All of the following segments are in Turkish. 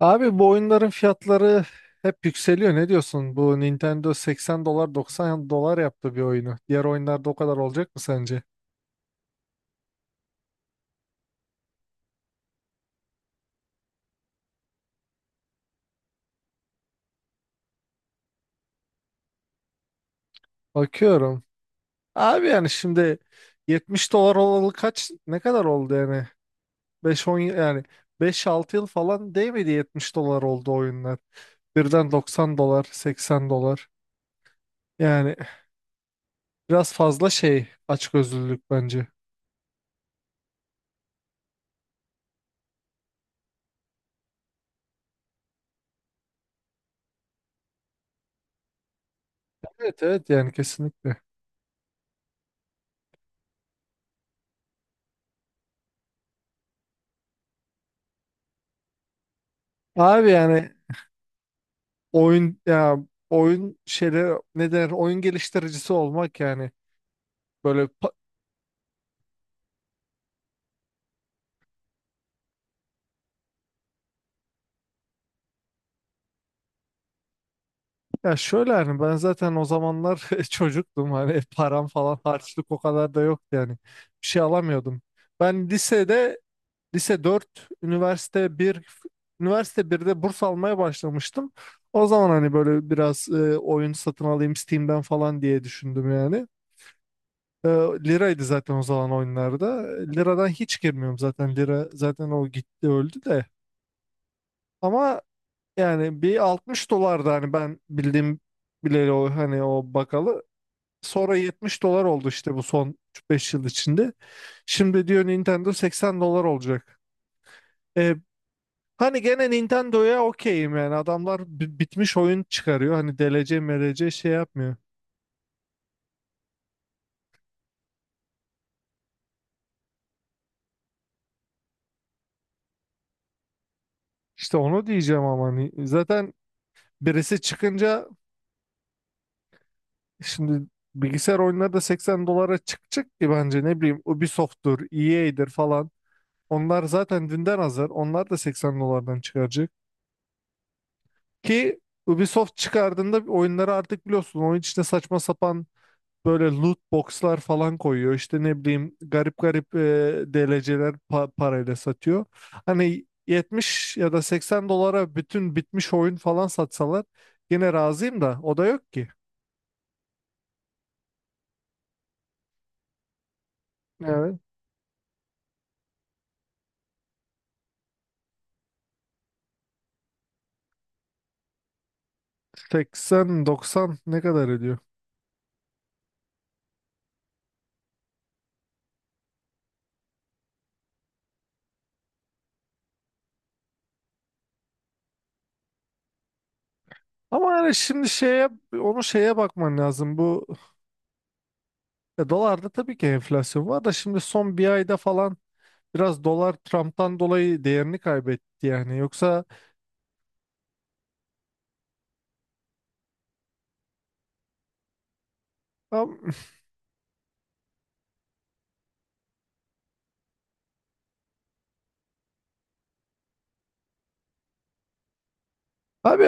Abi bu oyunların fiyatları hep yükseliyor. Ne diyorsun? Bu Nintendo 80 dolar 90 dolar yaptı bir oyunu. Diğer oyunlarda o kadar olacak mı sence? Bakıyorum. Abi yani şimdi 70 dolar olalı kaç ne kadar oldu yani? 5-10 yani 5-6 yıl falan değmedi 70 dolar oldu oyunlar. Birden 90 dolar 80 dolar. Yani biraz fazla şey açgözlülük bence. Evet evet yani kesinlikle. Abi yani oyun ya oyun şeyleri ne der oyun geliştiricisi olmak yani böyle ya şöyle hani ben zaten o zamanlar çocuktum, hani param falan, harçlık o kadar da yoktu yani bir şey alamıyordum. Ben lise dört, üniversite birde burs almaya başlamıştım. O zaman hani böyle biraz oyun satın alayım Steam'den falan diye düşündüm yani. E, Liraydı zaten o zaman oyunlarda. Liradan hiç girmiyorum zaten. Lira zaten o gitti, öldü de. Ama yani bir 60 dolardı hani ben bildiğim bileli, o hani o bakalı. Sonra 70 dolar oldu işte, bu son üç beş yıl içinde. Şimdi diyor Nintendo 80 dolar olacak. E, Hani gene Nintendo'ya okeyim yani, adamlar bitmiş oyun çıkarıyor. Hani DLC MLC şey yapmıyor. İşte onu diyeceğim ama hani zaten birisi çıkınca şimdi bilgisayar oyunları da 80 dolara çıkacak ki bence, ne bileyim, Ubisoft'tur, EA'dir falan. Onlar zaten dünden hazır. Onlar da 80 dolardan çıkaracak. Ki Ubisoft çıkardığında oyunları artık biliyorsun, oyun içine saçma sapan böyle loot boxlar falan koyuyor. İşte ne bileyim, garip garip DLC'ler parayla satıyor. Hani 70 ya da 80 dolara bütün bitmiş oyun falan satsalar yine razıyım da o da yok ki. Evet. 80-90 ne kadar ediyor? Ama yani şimdi şeye, onu şeye bakman lazım. Dolarda tabii ki enflasyon var da şimdi son bir ayda falan biraz dolar Trump'tan dolayı değerini kaybetti yani. Yoksa am- abi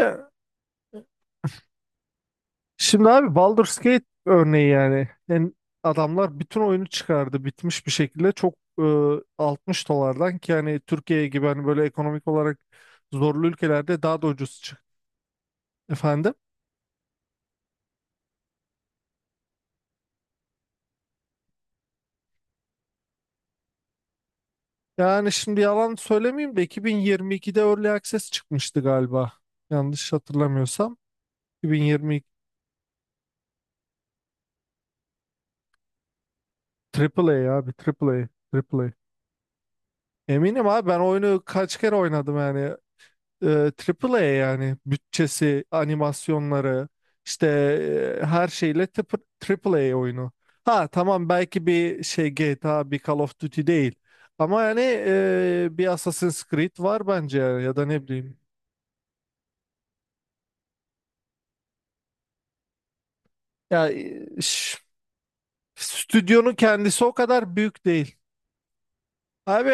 şimdi, abi Baldur's Gate örneği yani. Yani adamlar bütün oyunu çıkardı, bitmiş bir şekilde, çok e, 60 dolardan, ki hani Türkiye gibi, hani böyle ekonomik olarak zorlu ülkelerde daha da ucuz çıktı efendim. Yani şimdi yalan söylemeyeyim de 2022'de Early Access çıkmıştı galiba. Yanlış hatırlamıyorsam. Triple A abi, Triple A. Triple A. Eminim abi, ben oyunu kaç kere oynadım yani. Triple A yani, bütçesi, animasyonları işte her şeyle Triple A oyunu. Ha tamam, belki bir şey, GTA bir Call of Duty değil. Ama yani bir Assassin's Creed var bence yani, ya da ne bileyim. Ya stüdyonun kendisi o kadar büyük değil. Abi,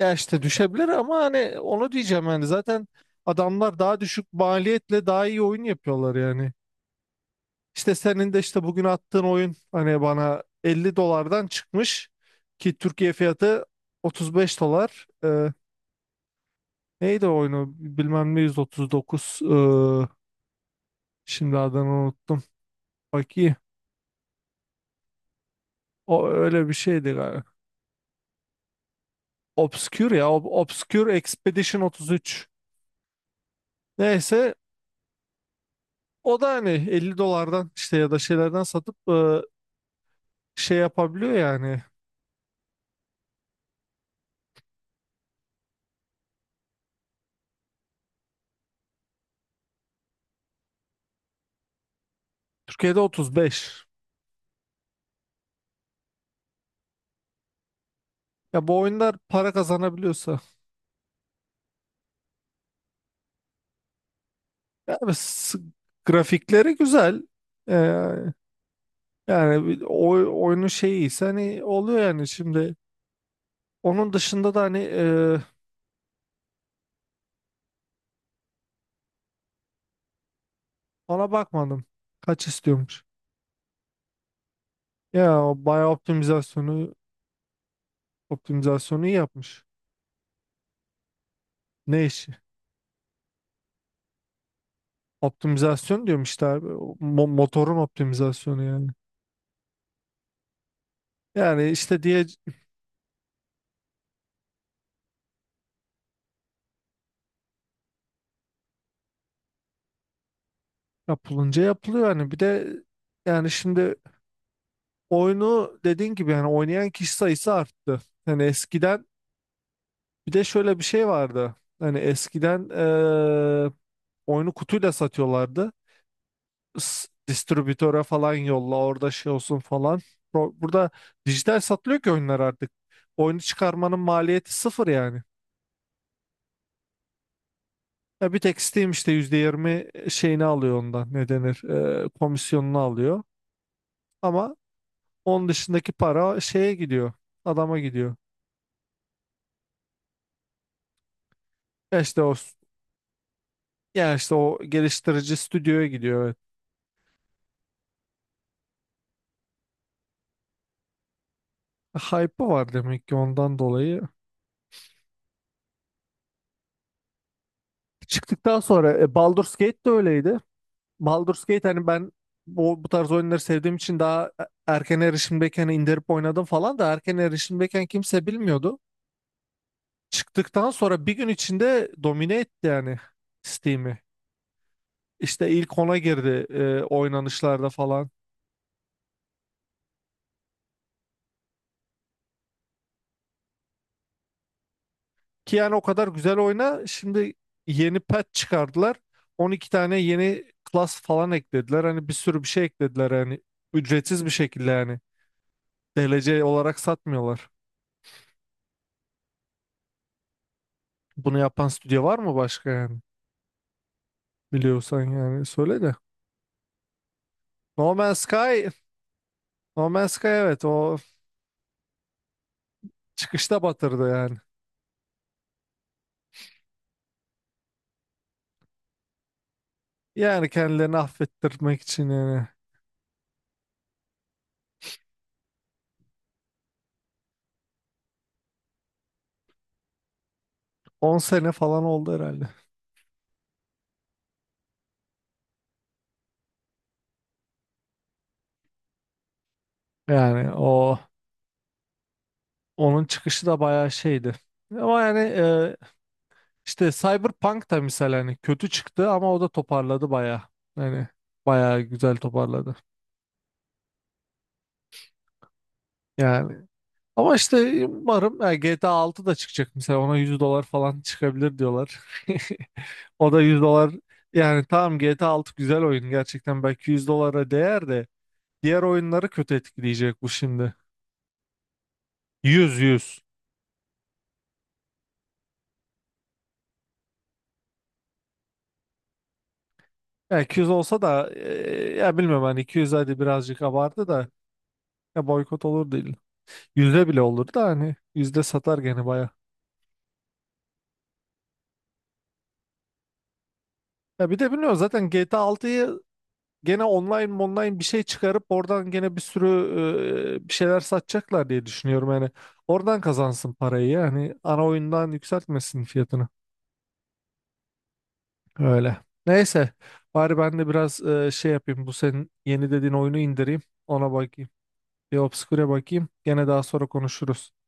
ya işte düşebilir ama hani onu diyeceğim, yani zaten adamlar daha düşük maliyetle daha iyi oyun yapıyorlar yani. İşte senin de işte bugün attığın oyun hani bana 50 dolardan çıkmış, ki Türkiye fiyatı 35 dolar. Neydi o oyunu, bilmem ne 139. Şimdi adını unuttum. Bakayım, o öyle bir şeydi galiba. Obscure ya Obscure Expedition 33. Neyse, o da hani 50 dolardan işte ya da şeylerden satıp şey yapabiliyor yani. Türkiye'de 35. Ya bu oyunlar para kazanabiliyorsa. Yani grafikleri güzel. Ee, Yani bir oyunun şeyi ise hani oluyor yani şimdi. Onun dışında da hani ona bakmadım. Kaç istiyormuş. Ya o bayağı optimizasyonu iyi yapmış. Ne işi? Optimizasyon diyorum işte abi. O motorun optimizasyonu yani. Yani işte diye, yapılınca yapılıyor hani, bir de yani şimdi oyunu dediğin gibi yani oynayan kişi sayısı arttı. Hani eskiden bir de şöyle bir şey vardı. Hani eskiden oyunu kutuyla satıyorlardı. Distribütöre falan yolla, orada şey olsun falan. Burada dijital satılıyor ki oyunlar artık. Oyunu çıkarmanın maliyeti sıfır yani. Ya bir tek Steam işte %20 şeyini alıyor, ondan ne denir, komisyonunu alıyor. Ama onun dışındaki para şeye gidiyor, adama gidiyor. İşte o, ya işte o geliştirici stüdyoya gidiyor. Evet. Hype'ı var demek ki ondan dolayı. Çıktıktan sonra Baldur's Gate de öyleydi. Baldur's Gate, hani ben bu tarz oyunları sevdiğim için daha erken erişimdeyken indirip oynadım falan da erken erişimdeyken kimse bilmiyordu. Çıktıktan sonra bir gün içinde domine etti yani Steam'i. İşte ilk ona girdi oynanışlarda falan. Ki yani o kadar güzel oyna. Şimdi yeni patch çıkardılar. 12 tane yeni class falan eklediler. Hani bir sürü bir şey eklediler yani. Ücretsiz bir şekilde yani. DLC olarak satmıyorlar. Bunu yapan stüdyo var mı başka yani? Biliyorsan yani söyle de. No Man's Sky, No Man's Sky, evet o çıkışta batırdı yani. Yani kendilerini affettirmek için yani. 10 sene falan oldu herhalde. Yani onun çıkışı da bayağı şeydi. Ama yani İşte Cyberpunk da misal hani kötü çıktı ama o da toparladı baya. Hani baya güzel toparladı. Yani, ama işte umarım yani, GTA 6 da çıkacak mesela, ona 100 dolar falan çıkabilir diyorlar. O da 100 dolar. Yani tamam, GTA 6 güzel oyun gerçekten, belki 100 dolara değer de diğer oyunları kötü etkileyecek bu şimdi. 100. Yani 100 olsa da ya bilmiyorum hani, 200 hadi birazcık abartı da ya, boykot olur değil. Yüzde bile olur da hani %100 satar gene baya. Ya bir de bilmiyorum zaten GTA 6'yı gene online bir şey çıkarıp oradan gene bir sürü bir şeyler satacaklar diye düşünüyorum. Yani oradan kazansın parayı yani, ana oyundan yükseltmesin fiyatını. Öyle. Neyse, bari ben de biraz şey yapayım, bu senin yeni dediğin oyunu indireyim, ona bakayım. Bir Obscure'e bakayım, gene daha sonra konuşuruz.